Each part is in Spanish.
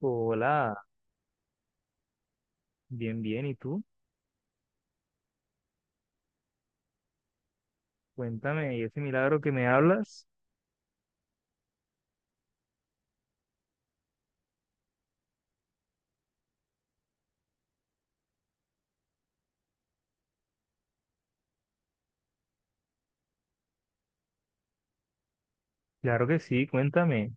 Hola, bien, bien. ¿Y tú? Cuéntame, ¿y ese milagro que me hablas? Claro que sí, cuéntame.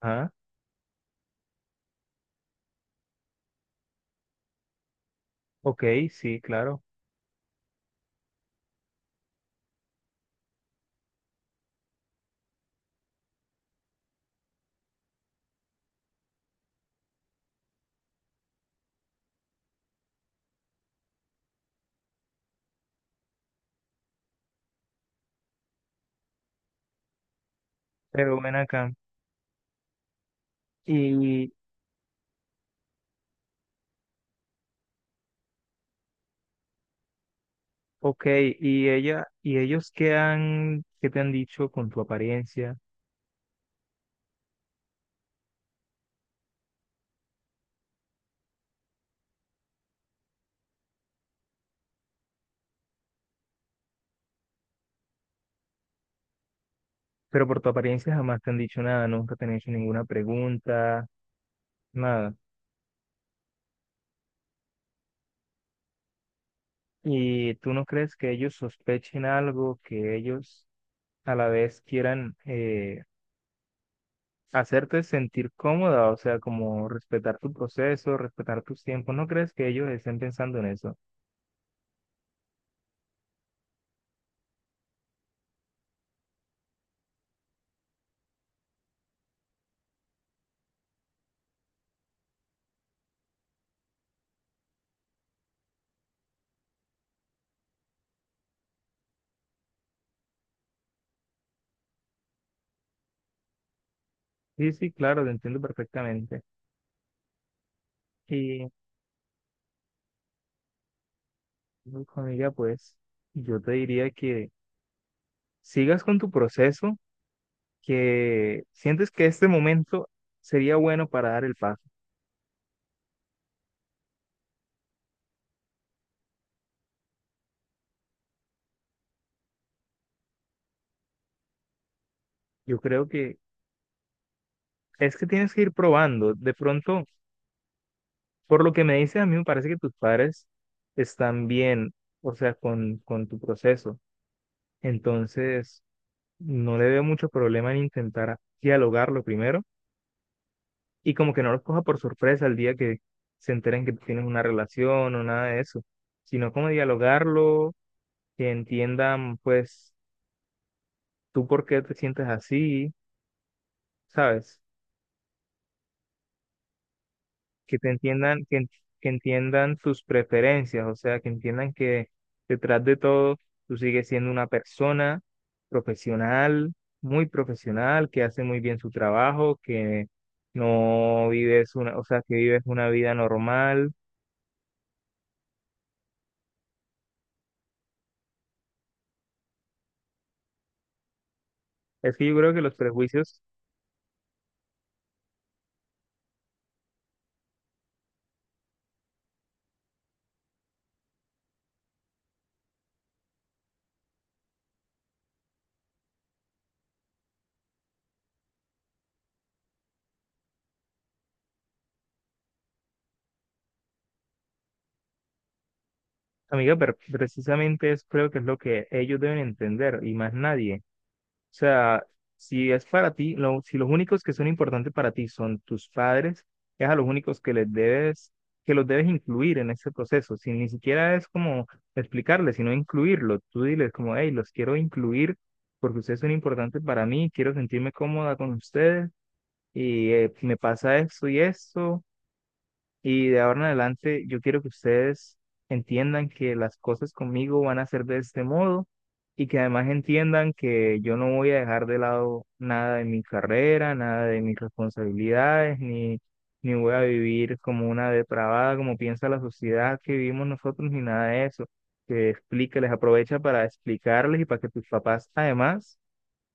Ah, ok, sí, claro. Pero ven acá. Y, ok, ¿y ella, y ellos qué han, qué te han dicho con tu apariencia? Pero por tu apariencia jamás te han dicho nada, nunca te han hecho ninguna pregunta, nada. ¿Y tú no crees que ellos sospechen algo, que ellos a la vez quieran hacerte sentir cómoda, o sea, como respetar tu proceso, respetar tus tiempos? ¿No crees que ellos estén pensando en eso? Sí, sí, claro, te entiendo perfectamente. Y, uf, amiga, pues yo te diría que sigas con tu proceso, que sientes que este momento sería bueno para dar el paso. Yo creo que es que tienes que ir probando. De pronto, por lo que me dices, a mí me parece que tus padres están bien, o sea, con tu proceso. Entonces, no le veo mucho problema en intentar dialogarlo primero y como que no los coja por sorpresa el día que se enteren que tienes una relación o nada de eso, sino como dialogarlo, que entiendan pues tú por qué te sientes así, ¿sabes? Que te entiendan, que, en- que entiendan tus preferencias, o sea, que entiendan que detrás de todo tú sigues siendo una persona profesional, muy profesional, que hace muy bien su trabajo, que no vives una, o sea, que vives una vida normal. Es que yo creo que los prejuicios, amiga, pero precisamente es creo que es lo que ellos deben entender y más nadie. O sea, si es para ti, lo- si los únicos que son importantes para ti son tus padres, es a los únicos que les debes, que los debes incluir en ese proceso. Si ni siquiera es como explicarles, sino incluirlo. Tú diles como, hey, los quiero incluir porque ustedes son importantes para mí, quiero sentirme cómoda con ustedes y me pasa esto y esto. Y de ahora en adelante, yo quiero que ustedes entiendan que las cosas conmigo van a ser de este modo y que además entiendan que yo no voy a dejar de lado nada de mi carrera, nada de mis responsabilidades, ni, ni voy a vivir como una depravada, como piensa la sociedad que vivimos nosotros, ni nada de eso. Que explique, les aprovecha para explicarles y para que tus papás además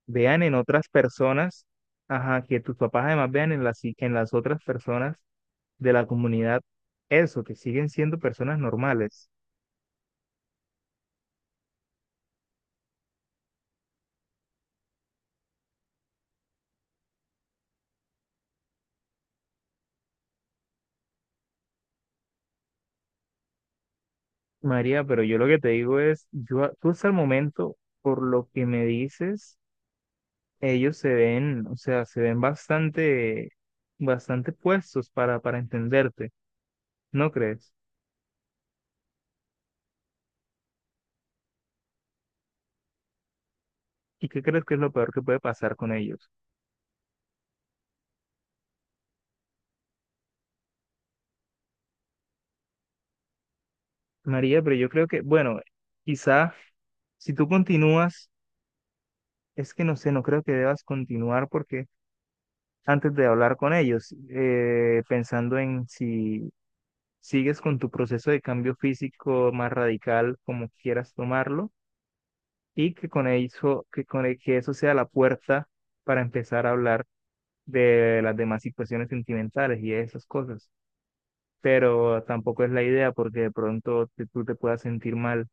vean en otras personas, ajá, que tus papás además vean en las otras personas de la comunidad eso, que siguen siendo personas normales. María, pero yo lo que te digo es, yo, a- tú hasta el momento, por lo que me dices, ellos se ven, o sea, se ven bastante, bastante puestos para entenderte, ¿no crees? ¿Y qué crees que es lo peor que puede pasar con ellos? María, pero yo creo que, bueno, quizá si tú continúas. Es que no sé, no creo que debas continuar porque antes de hablar con ellos, pensando en si sigues con tu proceso de cambio físico más radical, como quieras tomarlo, y que con eso, que con el- que eso sea la puerta para empezar a hablar de las demás situaciones sentimentales y de esas cosas. Pero tampoco es la idea porque de pronto te- tú te puedas sentir mal.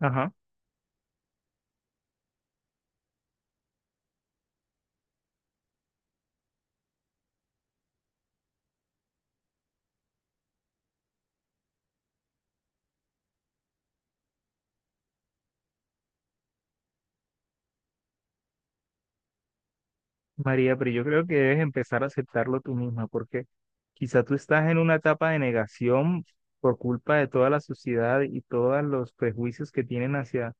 Ajá. María, pero yo creo que debes empezar a aceptarlo tú misma, porque quizá tú estás en una etapa de negación por culpa de toda la sociedad y todos los prejuicios que tienen hacia,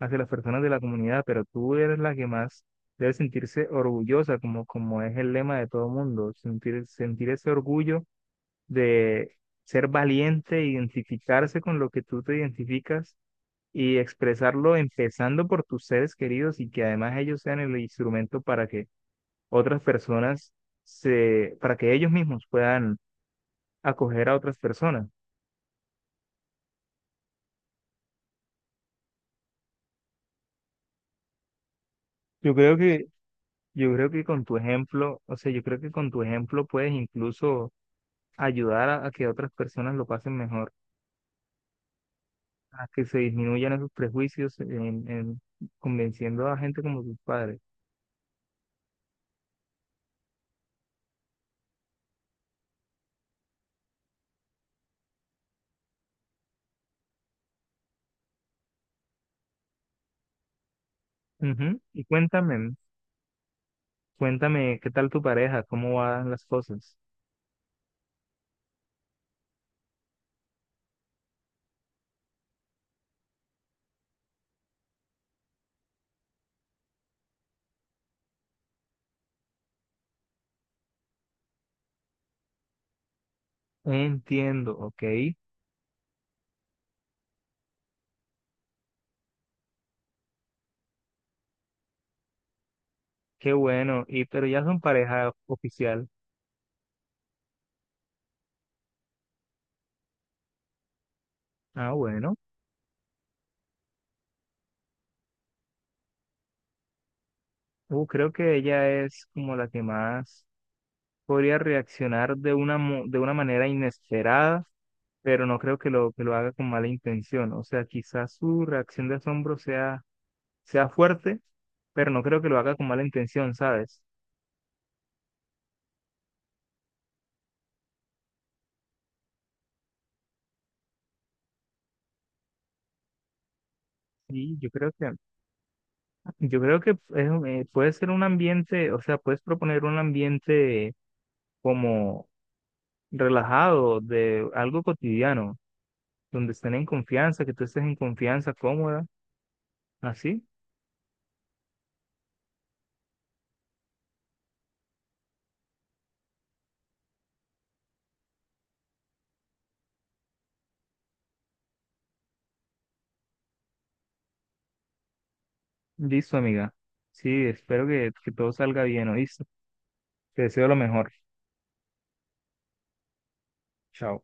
hacia las personas de la comunidad, pero tú eres la que más debe sentirse orgullosa, como, como es el lema de todo mundo, sentir, sentir ese orgullo de ser valiente, identificarse con lo que tú te identificas y expresarlo empezando por tus seres queridos y que además ellos sean el instrumento para que otras personas se, para que ellos mismos puedan acoger a otras personas. Yo creo que, yo creo que con tu ejemplo, o sea, yo creo que con tu ejemplo puedes incluso ayudar a que otras personas lo pasen mejor, a que se disminuyan esos prejuicios en convenciendo a gente como tus padres. Ujú. Y cuéntame, cuéntame qué tal tu pareja, cómo van las cosas. Entiendo, ok, qué bueno, y pero ya son pareja oficial. Ah, bueno. Creo que ella es como la que más podría reaccionar de una, mo- de una manera inesperada, pero no creo que lo haga con mala intención. O sea, quizás su reacción de asombro sea, sea fuerte, pero no creo que lo haga con mala intención, ¿sabes? Y yo creo que es un- puede ser un ambiente, o sea, puedes proponer un ambiente como relajado, de algo cotidiano, donde estén en confianza, que tú estés en confianza, cómoda, así. Listo, amiga. Sí, espero que todo salga bien, ¿oíste? Te deseo lo mejor. Chao.